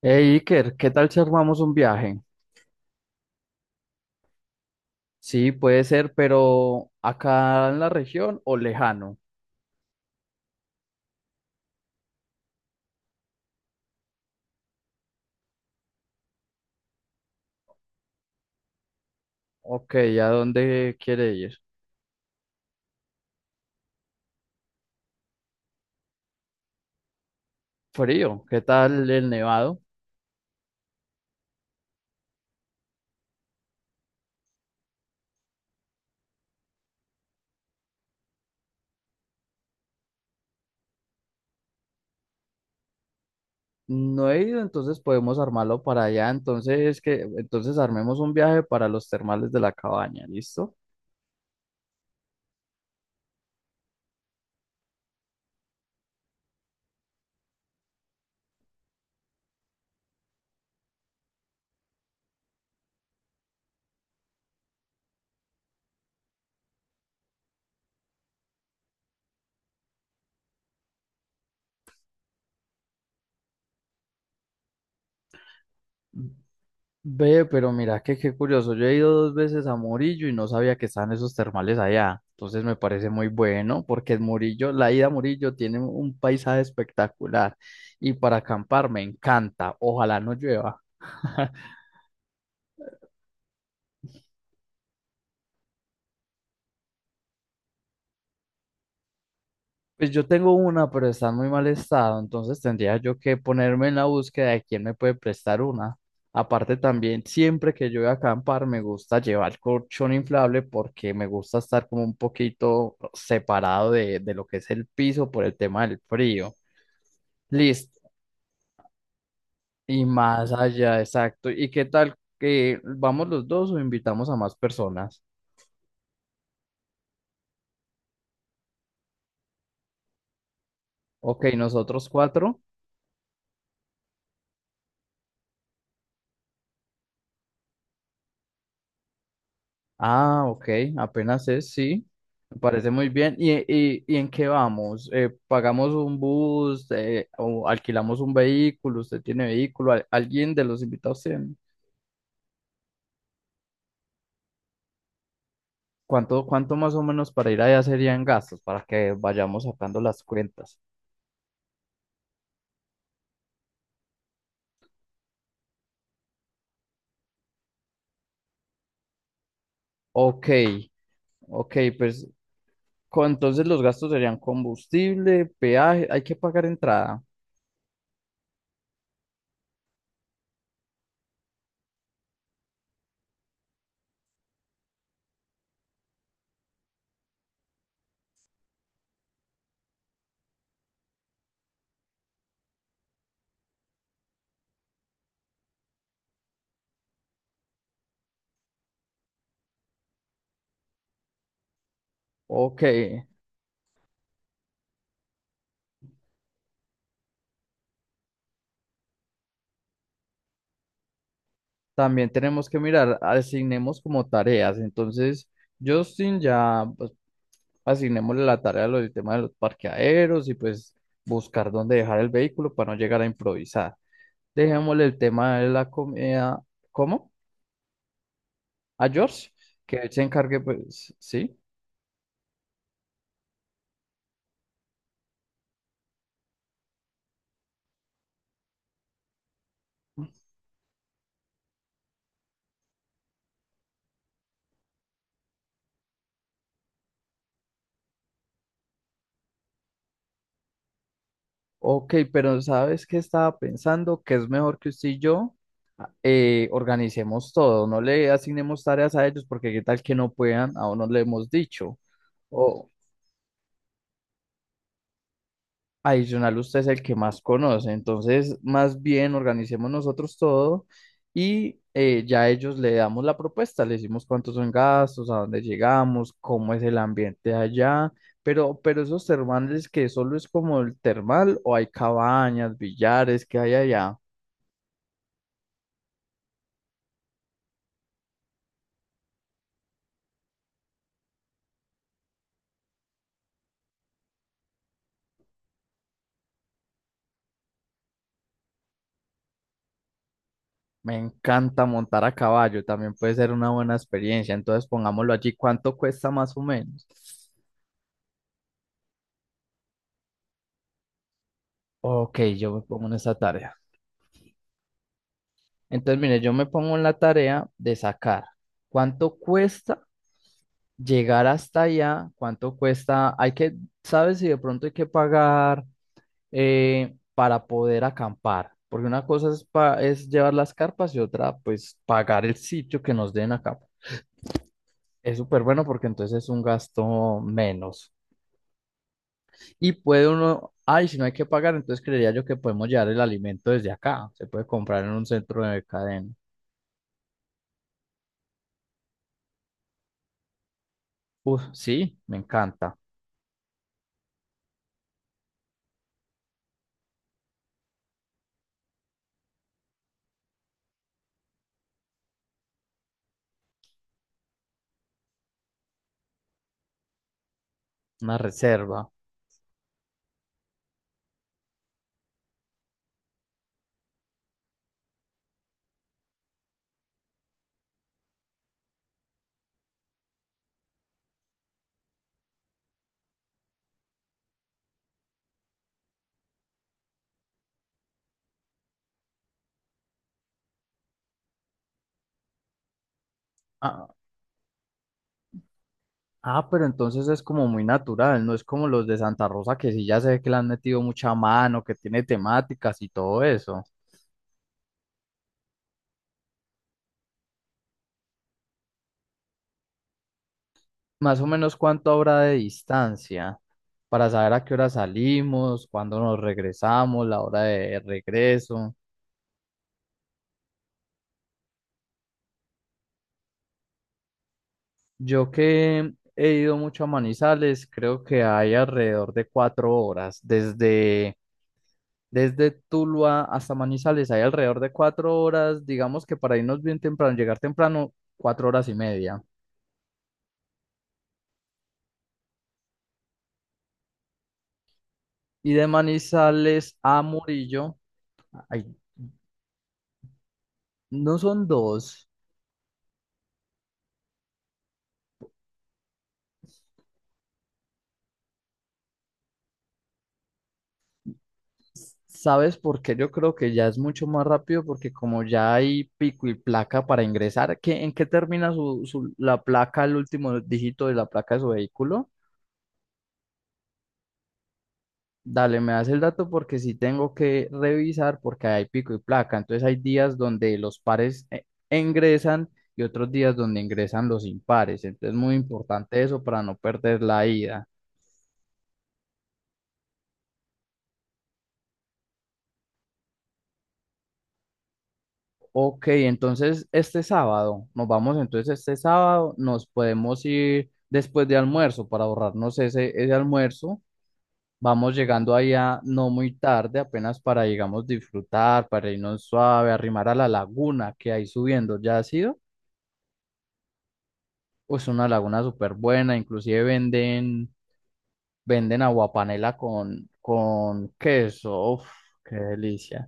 Hey Iker, ¿qué tal si armamos un viaje? Sí, puede ser, pero acá en la región o lejano. Ok, ¿a dónde quiere ir? Frío, ¿qué tal el nevado? No he ido, entonces podemos armarlo para allá. Entonces, entonces armemos un viaje para los termales de la cabaña, ¿listo? Ve, pero mira, que qué curioso. Yo he ido dos veces a Murillo y no sabía que estaban esos termales allá. Entonces me parece muy bueno porque en Murillo, la ida a Murillo tiene un paisaje espectacular y para acampar me encanta. Ojalá no llueva. Pues yo tengo una, pero está en muy mal estado, entonces tendría yo que ponerme en la búsqueda de quién me puede prestar una. Aparte también, siempre que yo voy a acampar, me gusta llevar colchón inflable porque me gusta estar como un poquito separado de lo que es el piso por el tema del frío. Listo. Y más allá, exacto. ¿Y qué tal que vamos los dos o invitamos a más personas? Ok, nosotros cuatro. Ah, ok, apenas es, sí, me parece muy bien. ¿Y en qué vamos? ¿Pagamos un bus o alquilamos un vehículo? ¿Usted tiene vehículo? ¿Alguien de los invitados tiene? Cuánto, cuánto más o menos para ir allá serían gastos para que vayamos sacando las cuentas? Ok, ok, pues con- entonces los gastos serían combustible, peaje, hay que pagar entrada. Ok, también tenemos que mirar, asignemos como tareas, entonces... Justin ya pues, asignémosle la tarea de lo del tema de los parqueaderos y pues buscar dónde dejar el vehículo para no llegar a improvisar. Dejémosle el tema de la comida, ¿cómo? A George, que él se encargue, pues, sí. Ok, pero ¿sabes qué estaba pensando? Que es mejor que usted y yo organicemos todo, no le asignemos tareas a ellos porque qué tal que no puedan, aún no le hemos dicho. O Adicional, usted es el que más conoce, entonces más bien organicemos nosotros todo y ya a ellos le damos la propuesta, le decimos cuántos son gastos, a dónde llegamos, cómo es el ambiente allá, pero esos termales que solo es como el termal o hay cabañas, billares que hay allá. Me encanta montar a caballo, también puede ser una buena experiencia, entonces pongámoslo allí, ¿cuánto cuesta más o menos? Ok, yo me pongo en esta tarea. Entonces, mire, yo me pongo en la tarea de sacar cuánto cuesta llegar hasta allá, cuánto cuesta, hay que, ¿sabes si de pronto hay que pagar para poder acampar? Porque una cosa es, pa- es llevar las carpas y otra, pues, pagar el sitio que nos den acá. Es súper bueno porque entonces es un gasto menos. Y puede uno, ay, si no hay que pagar, entonces creería yo que podemos llevar el alimento desde acá. Se puede comprar en un centro de cadena. Uf, sí, me encanta. Una reserva. Ah, ah, pero entonces es como muy natural, no es como los de Santa Rosa que sí ya sé que le han metido mucha mano, que tiene temáticas y todo eso. Más o menos cuánto habrá de distancia para saber a qué hora salimos, cuándo nos regresamos, la hora de regreso. Yo que he ido mucho a Manizales, creo que hay alrededor de 4 horas. Desde, desde Tuluá hasta Manizales hay alrededor de 4 horas, digamos que para irnos bien temprano, llegar temprano, 4 horas y media. Y de Manizales a Murillo, ay, no son dos. ¿Sabes por qué? Yo creo que ya es mucho más rápido porque como ya hay pico y placa para ingresar, ¿qué, en qué termina la placa, el último dígito de la placa de su vehículo? Dale, me das el dato porque sí tengo que revisar porque hay pico y placa. Entonces hay días donde los pares ingresan y otros días donde ingresan los impares. Entonces es muy importante eso para no perder la ida. Ok, entonces este sábado, nos vamos entonces este sábado, nos podemos ir después de almuerzo para ahorrarnos ese almuerzo. Vamos llegando allá no muy tarde, apenas para, digamos, disfrutar, para irnos suave, arrimar a la laguna que hay subiendo. ¿Ya ha sido? Pues una laguna súper buena, inclusive venden aguapanela con queso. Uf, qué delicia.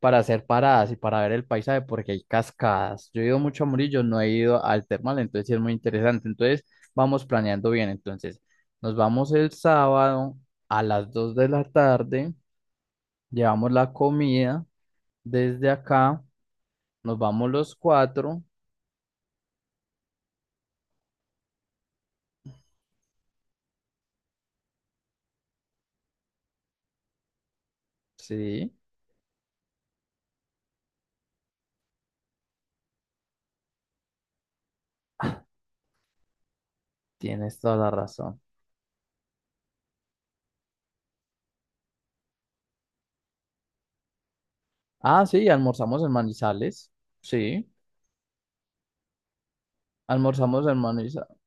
Para hacer paradas y para ver el paisaje, porque hay cascadas. Yo he ido mucho a Murillo, no he ido al termal, entonces sí es muy interesante. Entonces, vamos planeando bien. Entonces, nos vamos el sábado a las 2 de la tarde, llevamos la comida desde acá, nos vamos los cuatro. Sí, tienes toda la razón. Ah, sí, almorzamos en Manizales. Sí. Almorzamos en Manizales.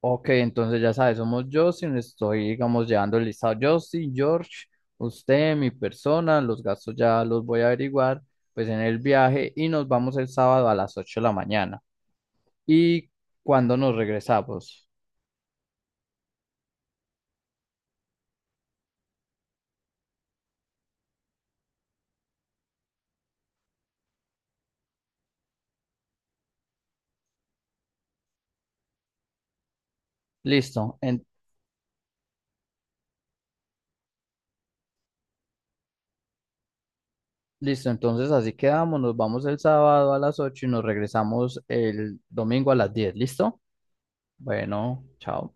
Ok, entonces ya sabes, somos Justin, estoy, digamos, llevando el listado. Justin, George, usted, mi persona, los gastos ya los voy a averiguar, pues en el viaje y nos vamos el sábado a las 8 de la mañana. ¿Y cuando nos regresamos? Listo, listo, entonces así quedamos, nos vamos el sábado a las 8 y nos regresamos el domingo a las 10, ¿listo? Bueno, chao.